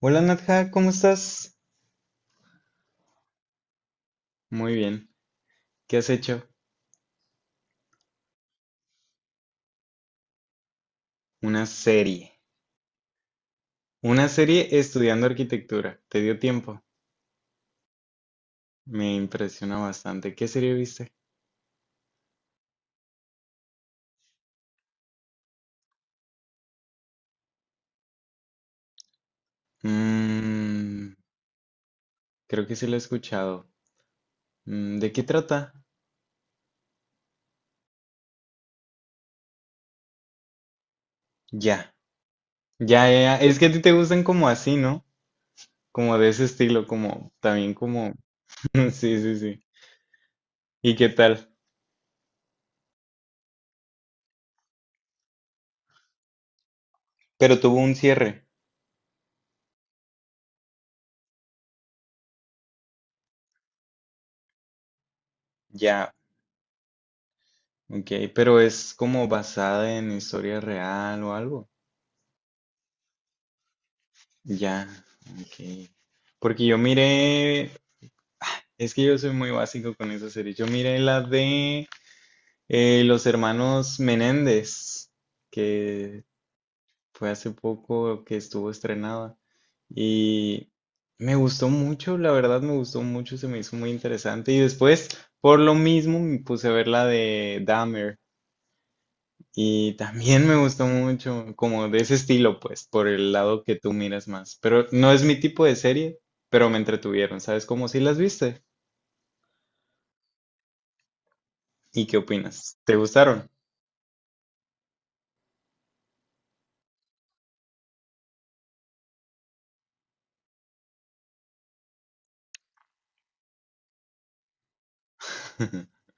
Hola, Nadja, ¿cómo estás? Muy bien. ¿Qué has hecho? Una serie. Una serie estudiando arquitectura. ¿Te dio tiempo? Me impresiona bastante. ¿Qué serie viste? Mmm, Creo que sí la he escuchado. ¿De qué trata? Ya. Ya, ya, ya. Es que a ti te gustan como así, ¿no? Como de ese estilo, como también como... Sí, sí, sí. ¿Y qué tal? Pero tuvo un cierre. Ya. Ok, pero es como basada en historia real o algo. Ya, ok. Porque yo miré, es que yo soy muy básico con esa serie. Yo miré la de los hermanos Menéndez, que fue hace poco que estuvo estrenada. Y me gustó mucho, la verdad me gustó mucho, se me hizo muy interesante. Y después, por lo mismo, me puse a ver la de Dahmer. Y también me gustó mucho, como de ese estilo, pues, por el lado que tú miras más. Pero no es mi tipo de serie, pero me entretuvieron, ¿sabes? Como si las viste. ¿Y qué opinas? ¿Te gustaron?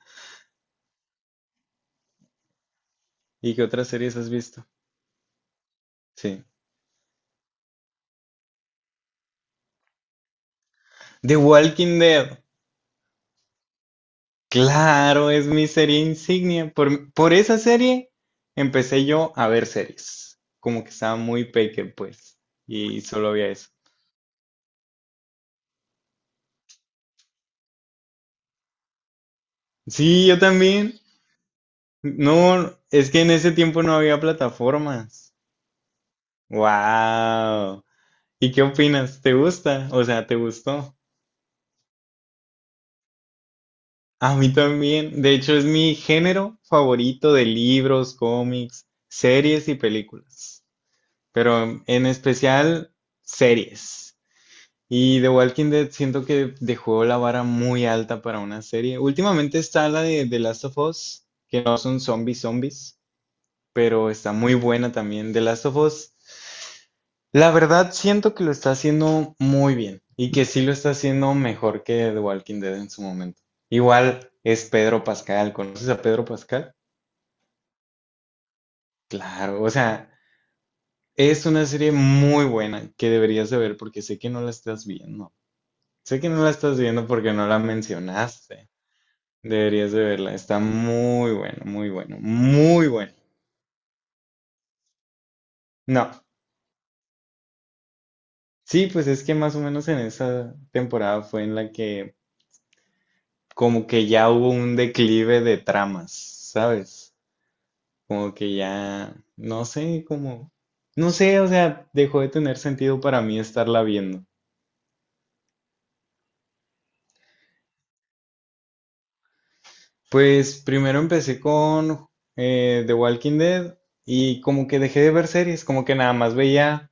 ¿Y qué otras series has visto? Sí. The Walking Dead. Claro, es mi serie insignia. Por esa serie empecé yo a ver series. Como que estaba muy peque, pues. Y solo había eso. Sí, yo también. No, es que en ese tiempo no había plataformas. Wow. ¿Y qué opinas? ¿Te gusta? O sea, ¿te gustó? A mí también. De hecho, es mi género favorito de libros, cómics, series y películas. Pero en especial series. Y The Walking Dead siento que dejó la vara muy alta para una serie. Últimamente está la de The Last of Us, que no son zombies zombies, pero está muy buena también, de Last of Us, la verdad siento que lo está haciendo muy bien y que sí lo está haciendo mejor que The Walking Dead en su momento. Igual es Pedro Pascal, ¿conoces a Pedro Pascal? Claro, o sea, es una serie muy buena que deberías de ver porque sé que no la estás viendo. Sé que no la estás viendo porque no la mencionaste. Deberías de verla, está muy bueno, muy bueno, muy bueno. No, sí, pues es que más o menos en esa temporada fue en la que como que ya hubo un declive de tramas, ¿sabes? Como que ya, no sé, como, no sé, o sea, dejó de tener sentido para mí estarla viendo. Pues primero empecé con The Walking Dead y como que dejé de ver series, como que nada más veía,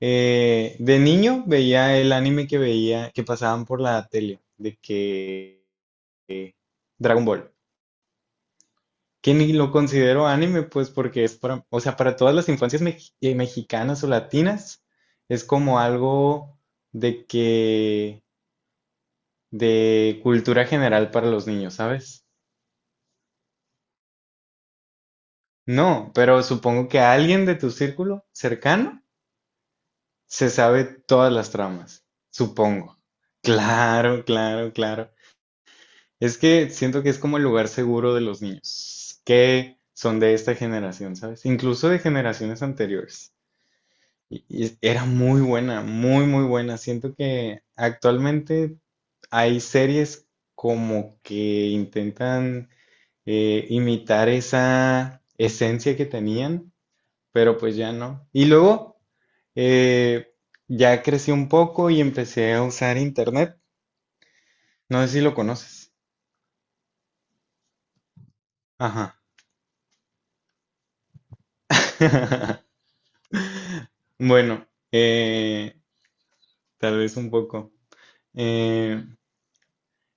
de niño veía el anime que veía, que pasaban por la tele, de que Dragon Ball, que ni lo considero anime, pues porque es para, o sea, para todas las infancias mexicanas o latinas, es como algo de que, de cultura general para los niños, ¿sabes? No, pero supongo que alguien de tu círculo cercano se sabe todas las tramas, supongo. Claro, claro, claro. Es que siento que es como el lugar seguro de los niños que son de esta generación, ¿sabes? Incluso de generaciones anteriores. Era muy buena, muy, muy buena. Siento que actualmente hay series como que intentan imitar esa esencia que tenían, pero pues ya no. Y luego eh, ya crecí un poco y empecé a usar internet. No sé si lo conoces. Ajá. Bueno, eh, tal vez un poco. Eh,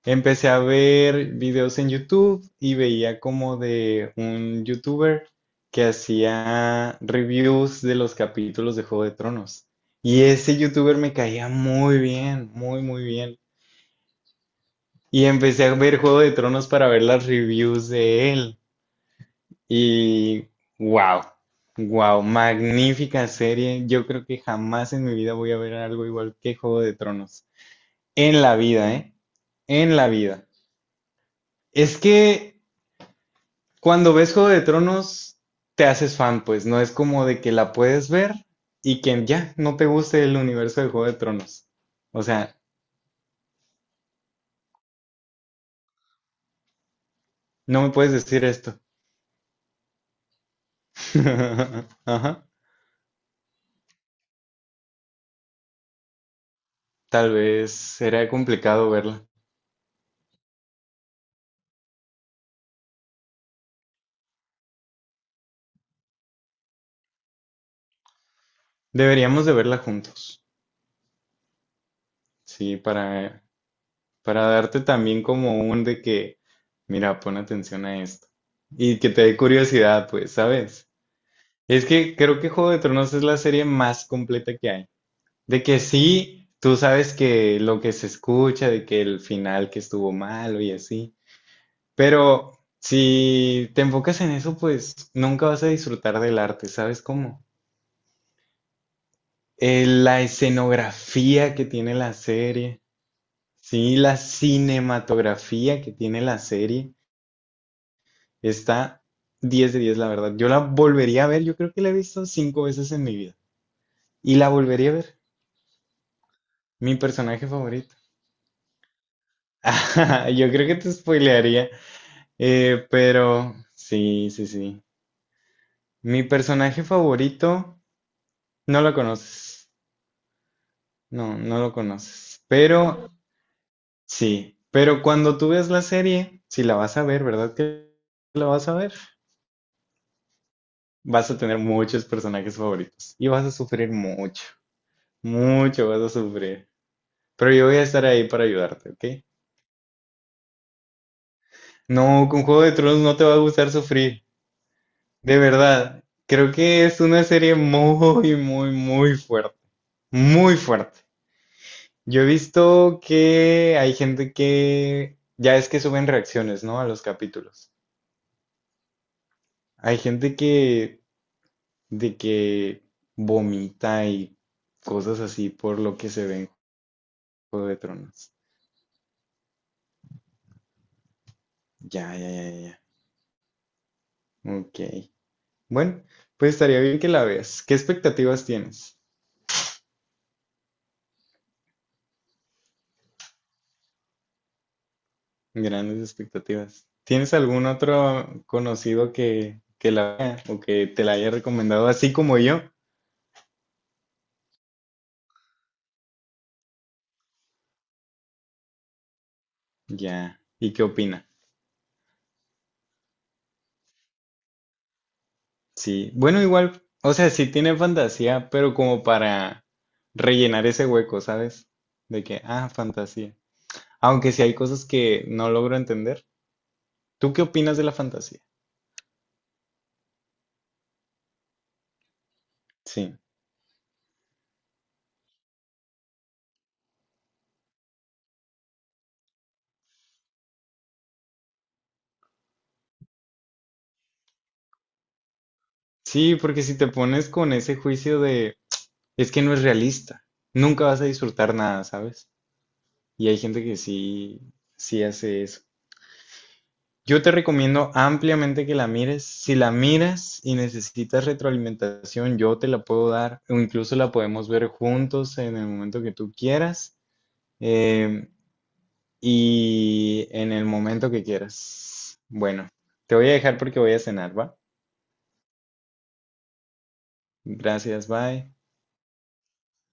Empecé a ver videos en YouTube y veía como de un youtuber que hacía reviews de los capítulos de Juego de Tronos. Y ese youtuber me caía muy bien, muy, muy bien. Y empecé a ver Juego de Tronos para ver las reviews de él. Y wow, wow, magnífica serie. Yo creo que jamás en mi vida voy a ver algo igual que Juego de Tronos. En la vida, ¿eh? En la vida. Es que cuando ves Juego de Tronos, te haces fan, pues no es como de que la puedes ver y que ya no te guste el universo de Juego de Tronos. O sea, no me puedes decir esto. Ajá. Tal vez será complicado verla. Deberíamos de verla juntos. Sí, para darte también como un de que, mira, pon atención a esto. Y que te dé curiosidad, pues, ¿sabes? Es que creo que Juego de Tronos es la serie más completa que hay. De que sí, tú sabes que lo que se escucha, de que el final que estuvo malo y así. Pero si te enfocas en eso, pues nunca vas a disfrutar del arte, ¿sabes cómo? La escenografía que tiene la serie, sí, la cinematografía que tiene la serie, está 10 de 10, la verdad. Yo la volvería a ver, yo creo que la he visto cinco veces en mi vida. Y la volvería a ver, mi personaje favorito. Yo creo que te spoilearía. Pero sí, sí, sí. Mi personaje favorito, no lo conoces. No, no lo conoces. Pero sí, pero cuando tú ves la serie, si la vas a ver, ¿verdad que la vas a ver? Vas a tener muchos personajes favoritos y vas a sufrir mucho, mucho vas a sufrir. Pero yo voy a estar ahí para ayudarte, ¿ok? No, con Juego de Tronos no te va a gustar sufrir, de verdad. Creo que es una serie muy, muy, muy fuerte, muy fuerte. Yo he visto que hay gente que ya es que suben reacciones, ¿no? A los capítulos. Hay gente que de que vomita y cosas así por lo que se ve en Juego de Tronos. Ya, ya, ya, ya, ya. Ok. Bueno, pues estaría bien que la veas. ¿Qué expectativas tienes? Grandes expectativas. ¿Tienes algún otro conocido que la vea o que te la haya recomendado así como yo? Ya. ¿Y qué opina? Sí, bueno, igual, o sea, sí tiene fantasía, pero como para rellenar ese hueco, ¿sabes? De que, ah, fantasía. Aunque sí hay cosas que no logro entender. ¿Tú qué opinas de la fantasía? Sí. Sí, porque si te pones con ese juicio de, es que no es realista, nunca vas a disfrutar nada, ¿sabes? Y hay gente que sí, sí hace eso. Yo te recomiendo ampliamente que la mires. Si la miras y necesitas retroalimentación, yo te la puedo dar o incluso la podemos ver juntos en el momento que tú quieras em, y en el momento que quieras. Bueno, te voy a dejar porque voy a cenar, ¿va? Gracias, bye.